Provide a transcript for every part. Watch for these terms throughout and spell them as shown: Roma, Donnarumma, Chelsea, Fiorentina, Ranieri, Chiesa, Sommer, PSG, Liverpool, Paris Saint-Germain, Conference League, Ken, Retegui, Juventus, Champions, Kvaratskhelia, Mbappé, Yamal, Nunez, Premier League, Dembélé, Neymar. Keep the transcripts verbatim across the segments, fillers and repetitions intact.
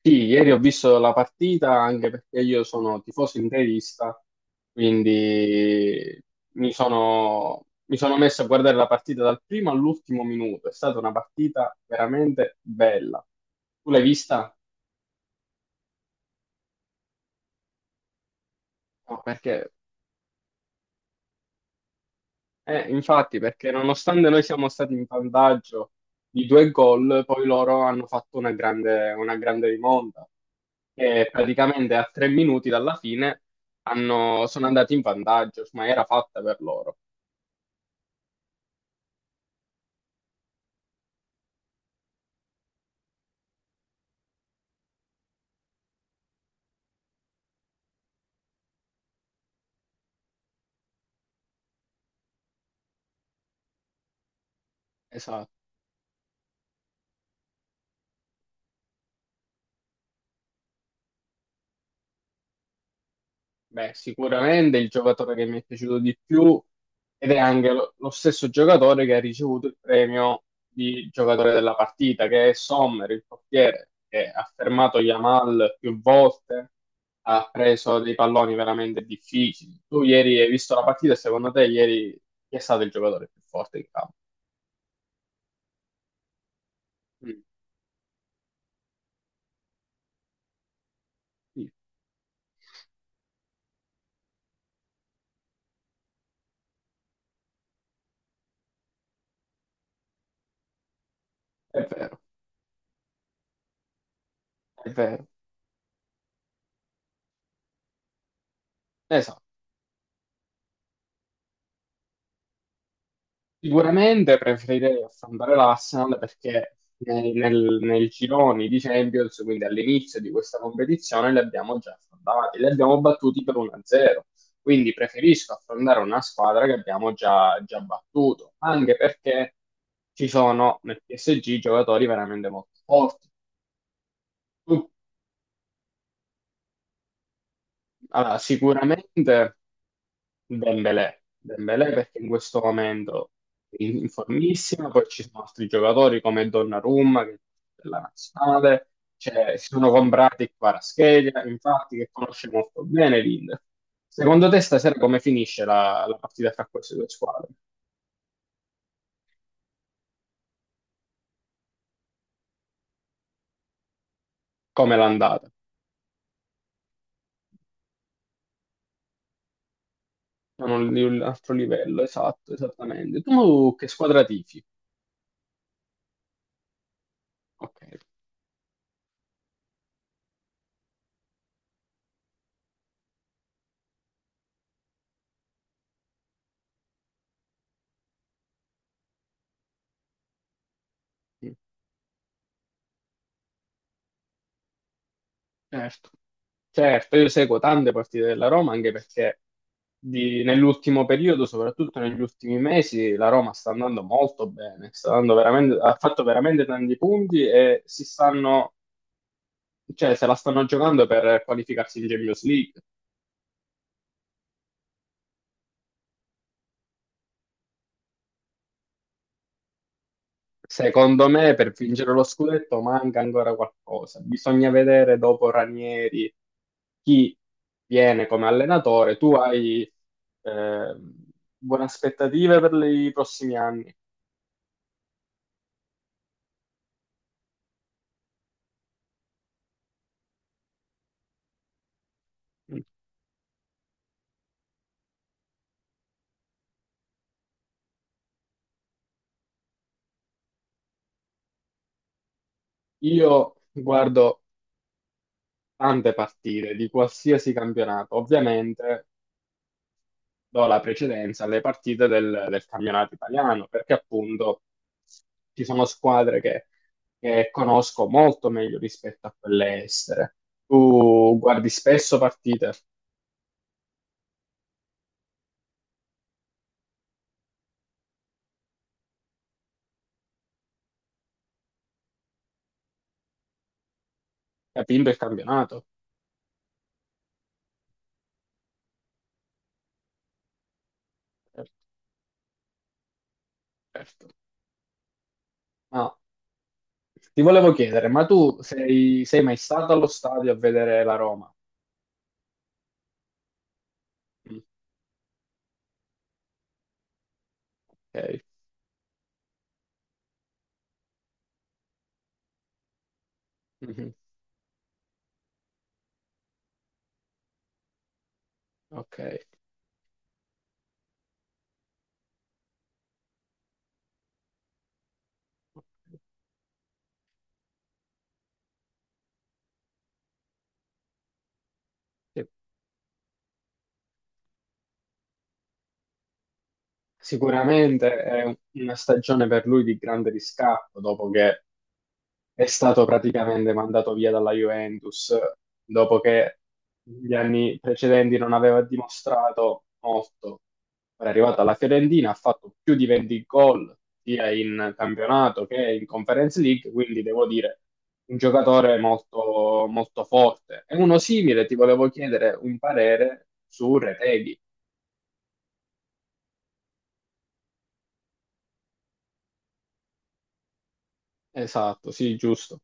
Sì, ieri ho visto la partita anche perché io sono tifoso interista, quindi mi sono, mi sono messo a guardare la partita dal primo all'ultimo minuto. È stata una partita veramente bella. Tu l'hai vista? No, perché. Eh, infatti, perché nonostante noi siamo stati in vantaggio di due gol, poi loro hanno fatto una grande, una grande rimonta. E praticamente a tre minuti dalla fine hanno- sono andati in vantaggio, ma era fatta per loro. Esatto. Beh, sicuramente il giocatore che mi è piaciuto di più ed è anche lo, lo stesso giocatore che ha ricevuto il premio di giocatore della partita, che è Sommer, il portiere, che ha fermato Yamal più volte, ha preso dei palloni veramente difficili. Tu ieri hai visto la partita e secondo te ieri chi è stato il giocatore più forte in campo? Mm, sì, è vero, è vero. Esatto. Sicuramente preferirei affrontare l'Arsenal perché nei, nel- nei gironi di Champions, quindi all'inizio di questa competizione, li abbiamo già affrontati, li abbiamo battuti per uno zero. Quindi preferisco affrontare una squadra che abbiamo già, già battuto, anche perché ci sono nel P S G giocatori veramente molto forti. Tu- allora, sicuramente. Dembélé, Dembélé perché in questo momento è in in formissima, poi ci sono altri giocatori come Donnarumma che è della nazionale, cioè, si sono comprati Kvaratskhelia, infatti che conosce molto bene l'Inter. Secondo te stasera come finisce la, la partita fra queste due squadre? Come è l'andata? Sono un, un altro livello, esatto, esattamente. Tu che squadra tifi? Ok, sì, certo. Certo, io seguo tante partite della Roma anche perché di- nell'ultimo periodo, soprattutto negli ultimi mesi, la Roma sta andando molto bene, sta dando veramente- ha fatto veramente tanti punti e si stanno, cioè, se la stanno giocando per qualificarsi in Champions League. Secondo me, per vincere lo scudetto manca ancora qualcosa. Bisogna vedere dopo Ranieri chi viene come allenatore. Tu hai eh, buone aspettative per i prossimi anni? Io guardo tante partite di qualsiasi campionato, ovviamente do la precedenza alle partite del, del campionato italiano, perché appunto ci sono squadre che, che conosco molto meglio rispetto a quelle estere. Tu guardi spesso partite, hai vinto il campionato? Certo, certo. Ma ti volevo chiedere, ma tu sei, sei mai stato allo stadio a vedere la Roma? Mm, ok. Mhm. Ok. Sì. Sicuramente è una stagione per lui di grande riscatto, dopo che è stato praticamente mandato via dalla Juventus, dopo che gli anni precedenti non aveva dimostrato molto. Ora è arrivato alla Fiorentina, ha fatto più di venti gol sia in campionato che in Conference League, quindi devo dire un giocatore molto, molto forte. E uno simile, ti volevo chiedere un parere su Retegui. Esatto, sì, giusto.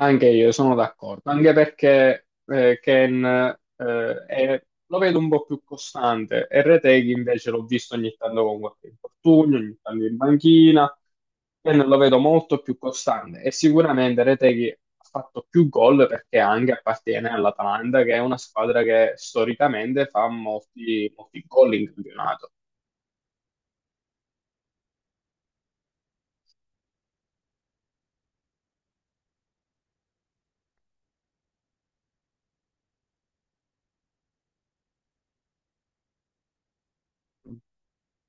Anche io sono d'accordo, anche perché eh, Ken eh, è- lo vedo un po' più costante e Reteghi invece l'ho visto ogni tanto con qualche infortunio, ogni tanto in banchina, Ken lo vedo molto più costante e sicuramente Reteghi ha fatto più gol perché anche appartiene all'Atalanta, che è una squadra che storicamente fa molti, molti gol in campionato.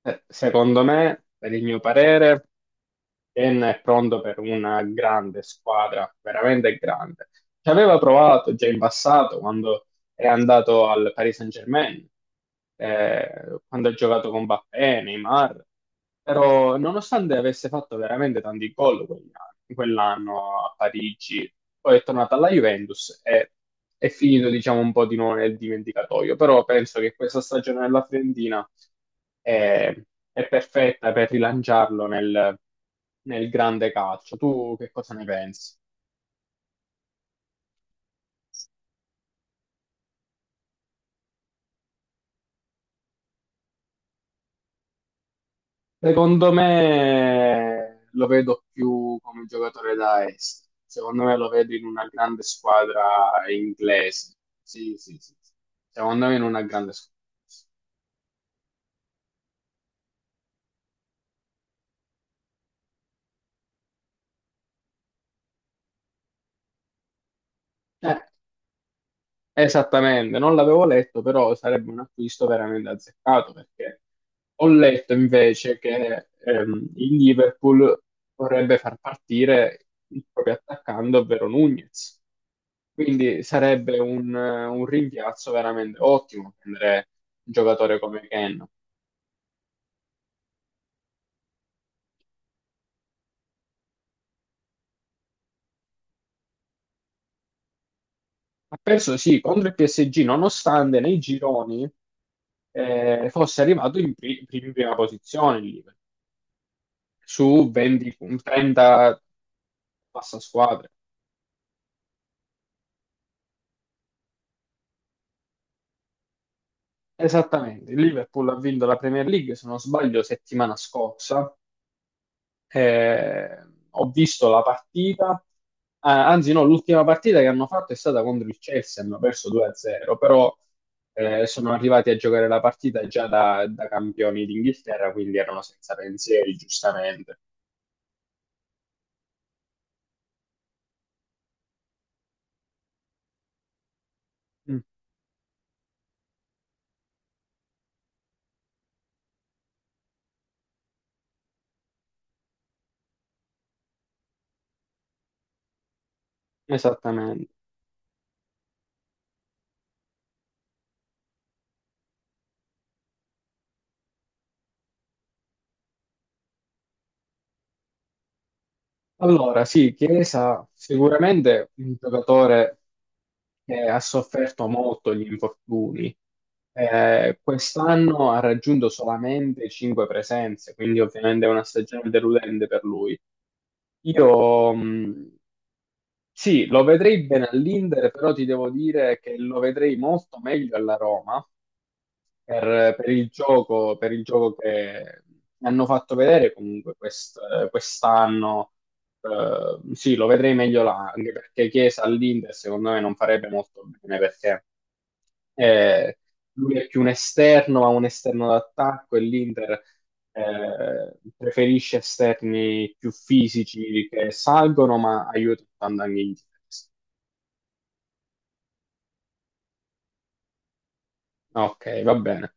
Eh, Secondo me, per il mio parere, Ken è pronto per una grande squadra, veramente grande. Ci aveva provato già in passato quando è andato al Paris Saint-Germain, eh, quando ha giocato con Mbappé, Neymar, però nonostante avesse fatto veramente tanti gol quegli anni- quell'anno a Parigi, poi è tornato alla Juventus e è finito diciamo un po' di nuovo nel dimenticatoio, però penso che questa stagione della Fiorentina è, è perfetta per rilanciarlo nel nel grande calcio. Tu che cosa ne pensi? Secondo me lo vedo più come giocatore da est. Secondo me lo vedo in una grande squadra inglese. Sì, sì, sì. Secondo me in una grande squadra. Esattamente, non l'avevo letto, però sarebbe un acquisto veramente azzeccato perché ho letto invece che ehm, il Liverpool vorrebbe far partire il proprio attaccante, ovvero Nunez. Quindi sarebbe un, eh, un rimpiazzo veramente ottimo prendere un giocatore come Ken. Ha perso sì contro il P S G, nonostante nei gironi eh, fosse arrivato in, pri- in prima posizione il Liverpool, su venti punti, passa squadre. Esattamente, il Liverpool ha vinto la Premier League, se non sbaglio, settimana scorsa. Eh, ho visto la partita, Ah, anzi no, l'ultima partita che hanno fatto è stata contro il Chelsea, hanno perso due a zero, però eh, sono arrivati a giocare la partita già da, da campioni d'Inghilterra, quindi erano senza pensieri, giustamente. Mm, Esattamente. Allora, sì, Chiesa sicuramente un giocatore che ha sofferto molto gli infortuni. Eh, quest'anno ha raggiunto solamente cinque presenze, quindi ovviamente è una stagione deludente per lui. Io mh, sì, lo vedrei bene all'Inter, però ti devo dire che lo vedrei molto meglio alla Roma, per, per il gioco, per il gioco che hanno fatto vedere comunque quest- quest'anno. eh, sì, lo vedrei meglio là, anche perché Chiesa all'Inter secondo me non farebbe molto bene perché eh, lui è più un esterno, ma un esterno d'attacco e l'Inter eh, preferisce esterni più fisici che salgono, ma aiutano tanto anche in difesa. Ok, va bene.